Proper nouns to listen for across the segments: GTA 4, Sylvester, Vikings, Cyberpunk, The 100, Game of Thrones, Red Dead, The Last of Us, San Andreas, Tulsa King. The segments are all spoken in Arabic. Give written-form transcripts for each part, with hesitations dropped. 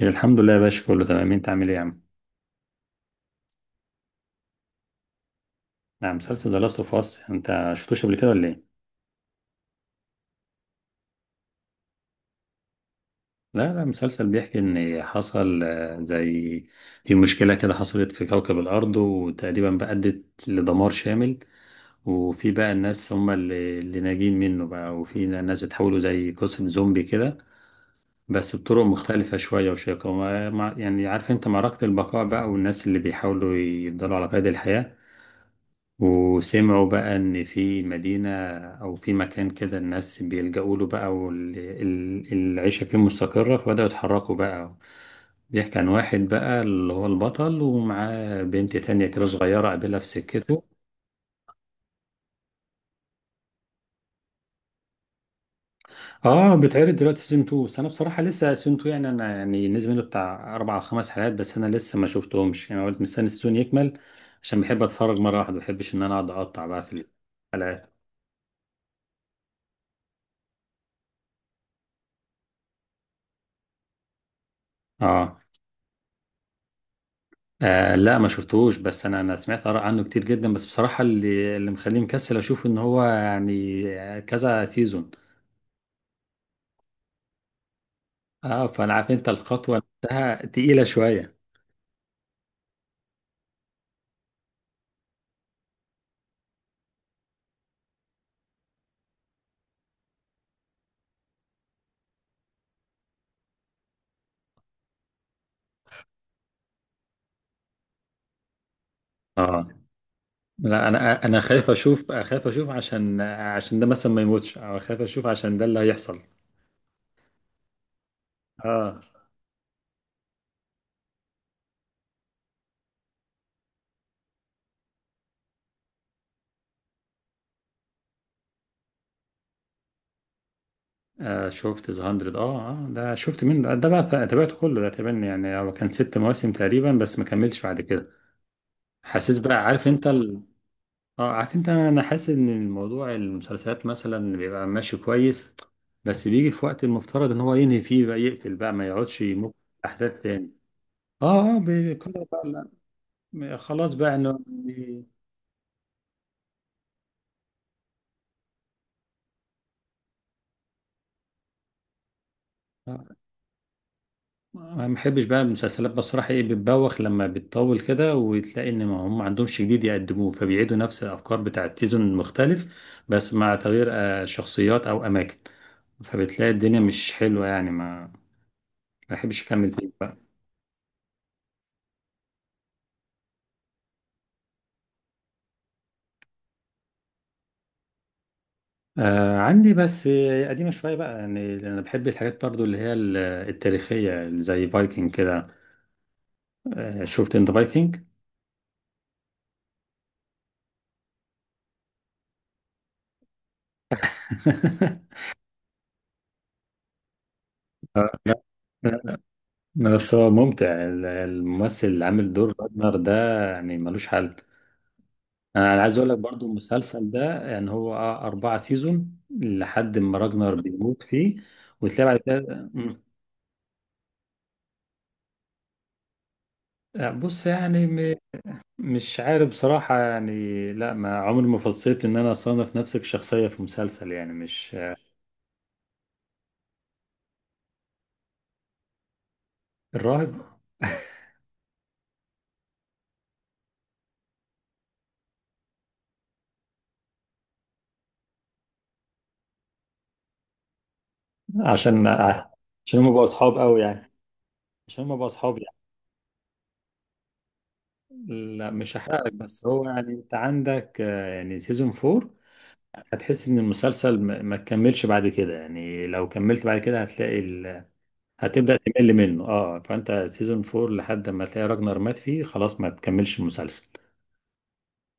الحمد لله يا باشا، كله تمام. انت عامل ايه يا عم؟ نعم، مسلسل ذا لاست اوف اس. انت شفتوش قبل كده ولا ايه؟ لا لا، مسلسل بيحكي ان حصل زي في مشكلة كده حصلت في كوكب الارض وتقريبا بقى ادت لدمار شامل. وفي بقى الناس هم اللي ناجين منه بقى، وفي ناس بتحولوا زي قصة زومبي كده، بس بطرق مختلفة شوية وشيقة. يعني عارف انت، معركة البقاء بقى والناس اللي بيحاولوا يفضلوا على قيد الحياة. وسمعوا بقى ان في مدينة او في مكان كده الناس بيلجأوا له بقى والعيشة فيه مستقرة، فبدأوا يتحركوا بقى. بيحكي عن واحد بقى اللي هو البطل، ومعاه بنت تانية كده صغيرة قابلها في سكته. اه، بتعرض دلوقتي سيزون 2. بس انا بصراحة لسه سيزون 2، يعني انا يعني نزل منه بتاع اربع او خمس حلقات بس، انا لسه ما شفتهمش يعني. قلت مستني السيزون يكمل، عشان بحب اتفرج مرة واحدة، ما بحبش ان انا اقعد اقطع بقى في الحلقات. اه، لا ما شفتهوش، بس انا سمعت اراء عنه كتير جدا. بس بصراحه اللي مخليني مكسل اشوف ان هو يعني كذا سيزون. اه، فانا عارف انت، الخطوه نفسها تقيله شويه. اه، لا انا خايف اشوف، خايف اشوف عشان ده مثلا ما يموتش، او خايف اشوف عشان ده اللي هيحصل. اه, آه، شفت ذا 100. اه اه، ده شفت منه ده بقى، تابعته كله ده تقريبا. يعني هو كان ست مواسم تقريبا بس ما كملش بعد كده. حاسس بقى عارف انت. اه، عارف انت، انا حاسس ان الموضوع المسلسلات مثلا بيبقى ماشي كويس، بس بيجي في وقت المفترض ان هو ينهي فيه بقى، يقفل بقى، ما يقعدش يمك احداث تاني. اه اه، بيقرر بقى، لا، م- خلاص بقى انه بي- آه، ما بحبش بقى المسلسلات بصراحة. ايه، بتبوخ لما بتطول كده، وتلاقي ان ما هم ما عندهمش جديد يقدموه، فبيعيدوا نفس الافكار بتاعت سيزون المختلف، بس مع تغيير شخصيات او اماكن. فبتلاقي الدنيا مش حلوة يعني. ما بحبش اكمل فيه. آه عندي، بس قديمة شوية بقى. يعني لأن أنا بحب الحاجات برضو التاريخية اللي زي فايكنج كده. آه، شفت أنت فايكنج؟ لا لا، بس هو ممتع. الممثل اللي عامل دور راجنر ده، يعني ملوش حل. أنا عايز أقول لك برضو المسلسل ده، يعني هو أربعة سيزون لحد ما راجنر بيموت فيه، وتلاقي بعد كده بص يعني، مش عارف بصراحة. يعني لا، ما عمري ما فصيت ان انا اصنف نفسي كشخصية في مسلسل يعني. مش الراهب عشان عشان هم بقوا اصحاب قوي يعني، عشان هم بقوا اصحاب يعني. لا مش هحرق لك، بس هو يعني انت عندك يعني سيزون 4، هتحس ان المسلسل ما تكملش بعد كده. يعني لو كملت بعد كده هتلاقي هتبدأ تمل منه. اه، فانت سيزون 4 لحد ما تلاقي راجنر مات فيه، خلاص ما تكملش المسلسل.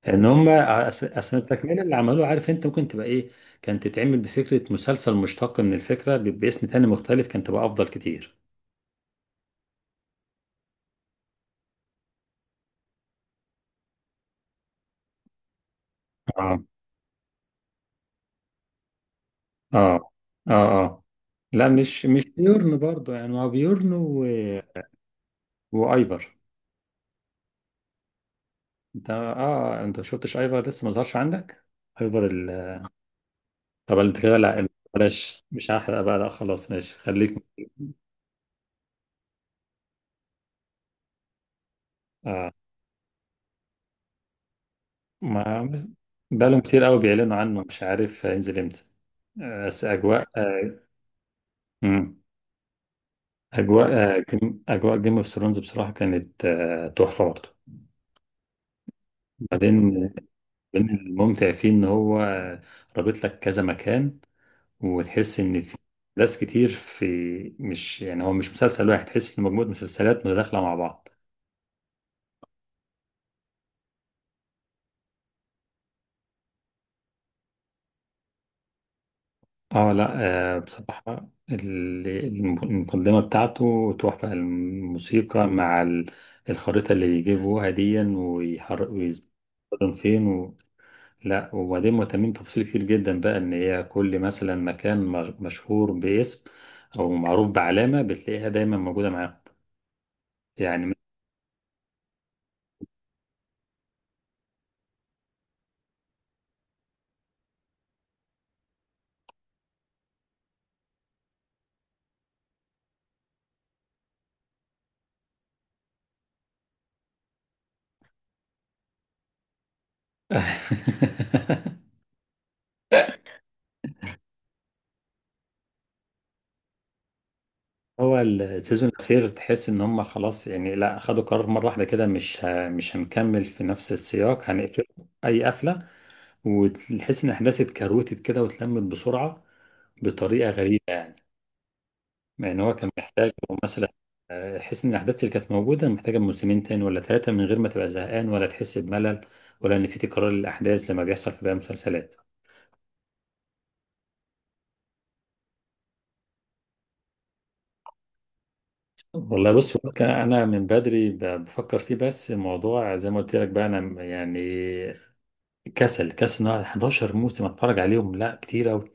ان هم اصل التكمله اللي عملوه، عارف انت ممكن تبقى ايه، كانت تتعمل بفكره مسلسل مشتق من الفكره باسم تاني مختلف، كانت تبقى افضل كتير. اه اه اه اه، لا مش بيورن برضه. يعني هو بيورن و... وايفر. انت اه، انت ما شفتش ايفر لسه ما ظهرش عندك. ايفر طب انت كده لا، بلاش مش هحرق بقى، لا خلاص ماشي خليك. آه. ما بقالهم كتير قوي بيعلنوا عنه، مش عارف هينزل امتى. بس اجواء مم. اجواء آه، جيم اجواء جيم اوف ثرونز بصراحه كانت تحفه برضه. بعدين، من الممتع فيه ان هو رابط لك كذا مكان، وتحس ان في ناس كتير في، مش يعني هو مش مسلسل واحد، تحس ان مجموعه مسلسلات متداخله مع بعض. اه، لا بصراحه المقدمه بتاعته تحفه، الموسيقى مع الخريطه اللي بيجيبوها دي ويحرك ويستخدم فين. لا وبعدين مهتمين بتفاصيل كتير جدا بقى، ان هي كل مثلا مكان مشهور باسم او معروف بعلامة بتلاقيها دايما موجودة معاهم يعني. م- هو السيزون الاخير تحس ان هم خلاص يعني، لا خدوا قرار مرة واحدة كده، مش هنكمل في نفس السياق، هنقفل اي قفلة. وتحس ان الاحداث اتكروتت كده واتلمت بسرعة بطريقة غريبة. يعني هو كان محتاج مثلا، حس ان الاحداث اللي كانت موجوده محتاجه موسمين تاني ولا ثلاثه من غير ما تبقى زهقان ولا تحس بملل، ولا ان في تكرار للاحداث زي ما بيحصل في باقي المسلسلات. والله بص، هو كان انا من بدري بفكر فيه، بس الموضوع زي ما قلت لك بقى، انا يعني كسل كسل ان أقعد 11 موسم اتفرج عليهم، لا كتير قوي.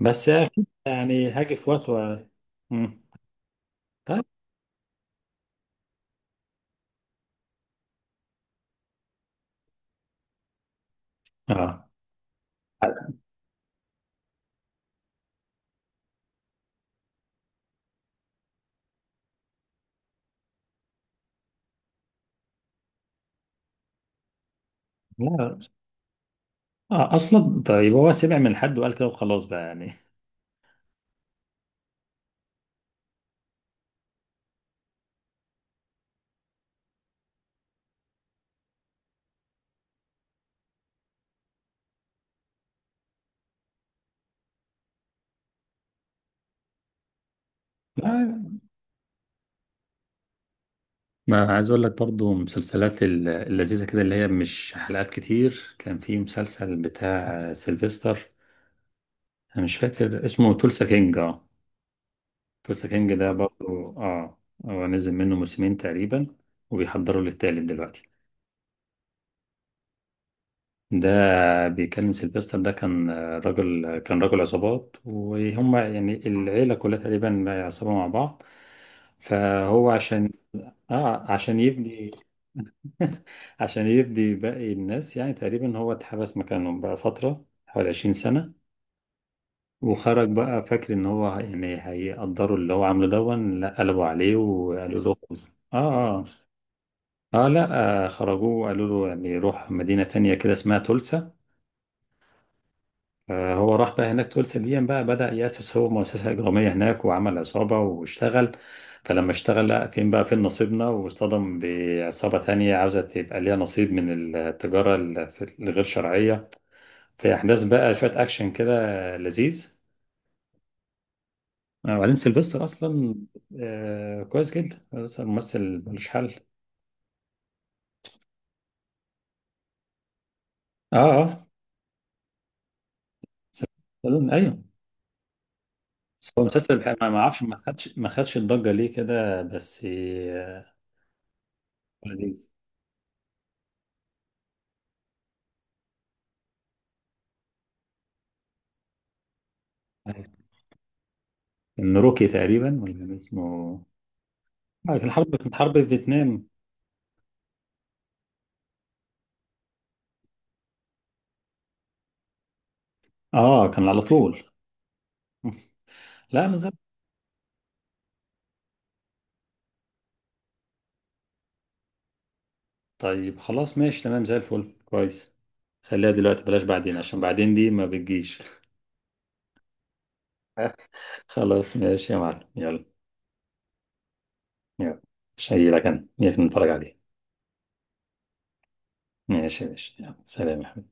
بس اكيد يعني هاجي في وقت و... مم. طيب، اه، لا اصلا طيب، هو سمع من حد وقال كده وخلاص بقى يعني. لا، ما عايز اقول لك برضو مسلسلات اللذيذه كده اللي هي مش حلقات كتير. كان في مسلسل بتاع سيلفستر، انا مش فاكر اسمه، تولسا كينج، اه. تولسا كينج ده برضو، اه. هو نزل منه موسمين تقريبا وبيحضروا للتالت دلوقتي. ده بيكلم سيلفستر. ده كان راجل، كان راجل عصابات، وهم يعني العيله كلها تقريبا عصابه مع بعض. فهو عشان اه، عشان يبني، عشان يفدي باقي الناس يعني. تقريبا هو اتحبس مكانهم بقى فترة حوالي 20 سنة، وخرج بقى فاكر ان هو يعني هيقدروا اللي هو عامله، دون لا قلبوا عليه وقالوا له. اه اه اه، لا خرجوه وقالوا له يعني روح مدينة تانية كده اسمها تولسا. آه، هو راح بقى هناك. تولسا دي بقى بدأ يأسس هو مؤسسة إجرامية هناك وعمل عصابة واشتغل. فلما اشتغل، لا فين بقى فين نصيبنا، واصطدم بعصابة تانية عاوزة تبقى ليها نصيب من التجارة الغير شرعية. في احداث بقى شويه اكشن كده لذيذ. وبعدين سيلفستر اصلا كويس جدا، بس ممثل ملوش حل. اه اه، سيلفستر ايوه. بس هو مسلسل ما اعرفش، ما خدش الضجه ليه كده، بس آه، لذيذ. أيوة. كان روكي تقريبا ولا كان اسمه، آه، كانت حرب فيتنام. اه، كان على طول. لا انا زي، طيب خلاص ماشي تمام، زي الفل كويس. خليها دلوقتي بلاش بعدين، عشان بعدين دي ما بتجيش. خلاص ماشي يا معلم، يلا. يلا، شيلك انا نيجي نتفرج عليه. ماشي ماشي، يلا، سلام يا حبيبي.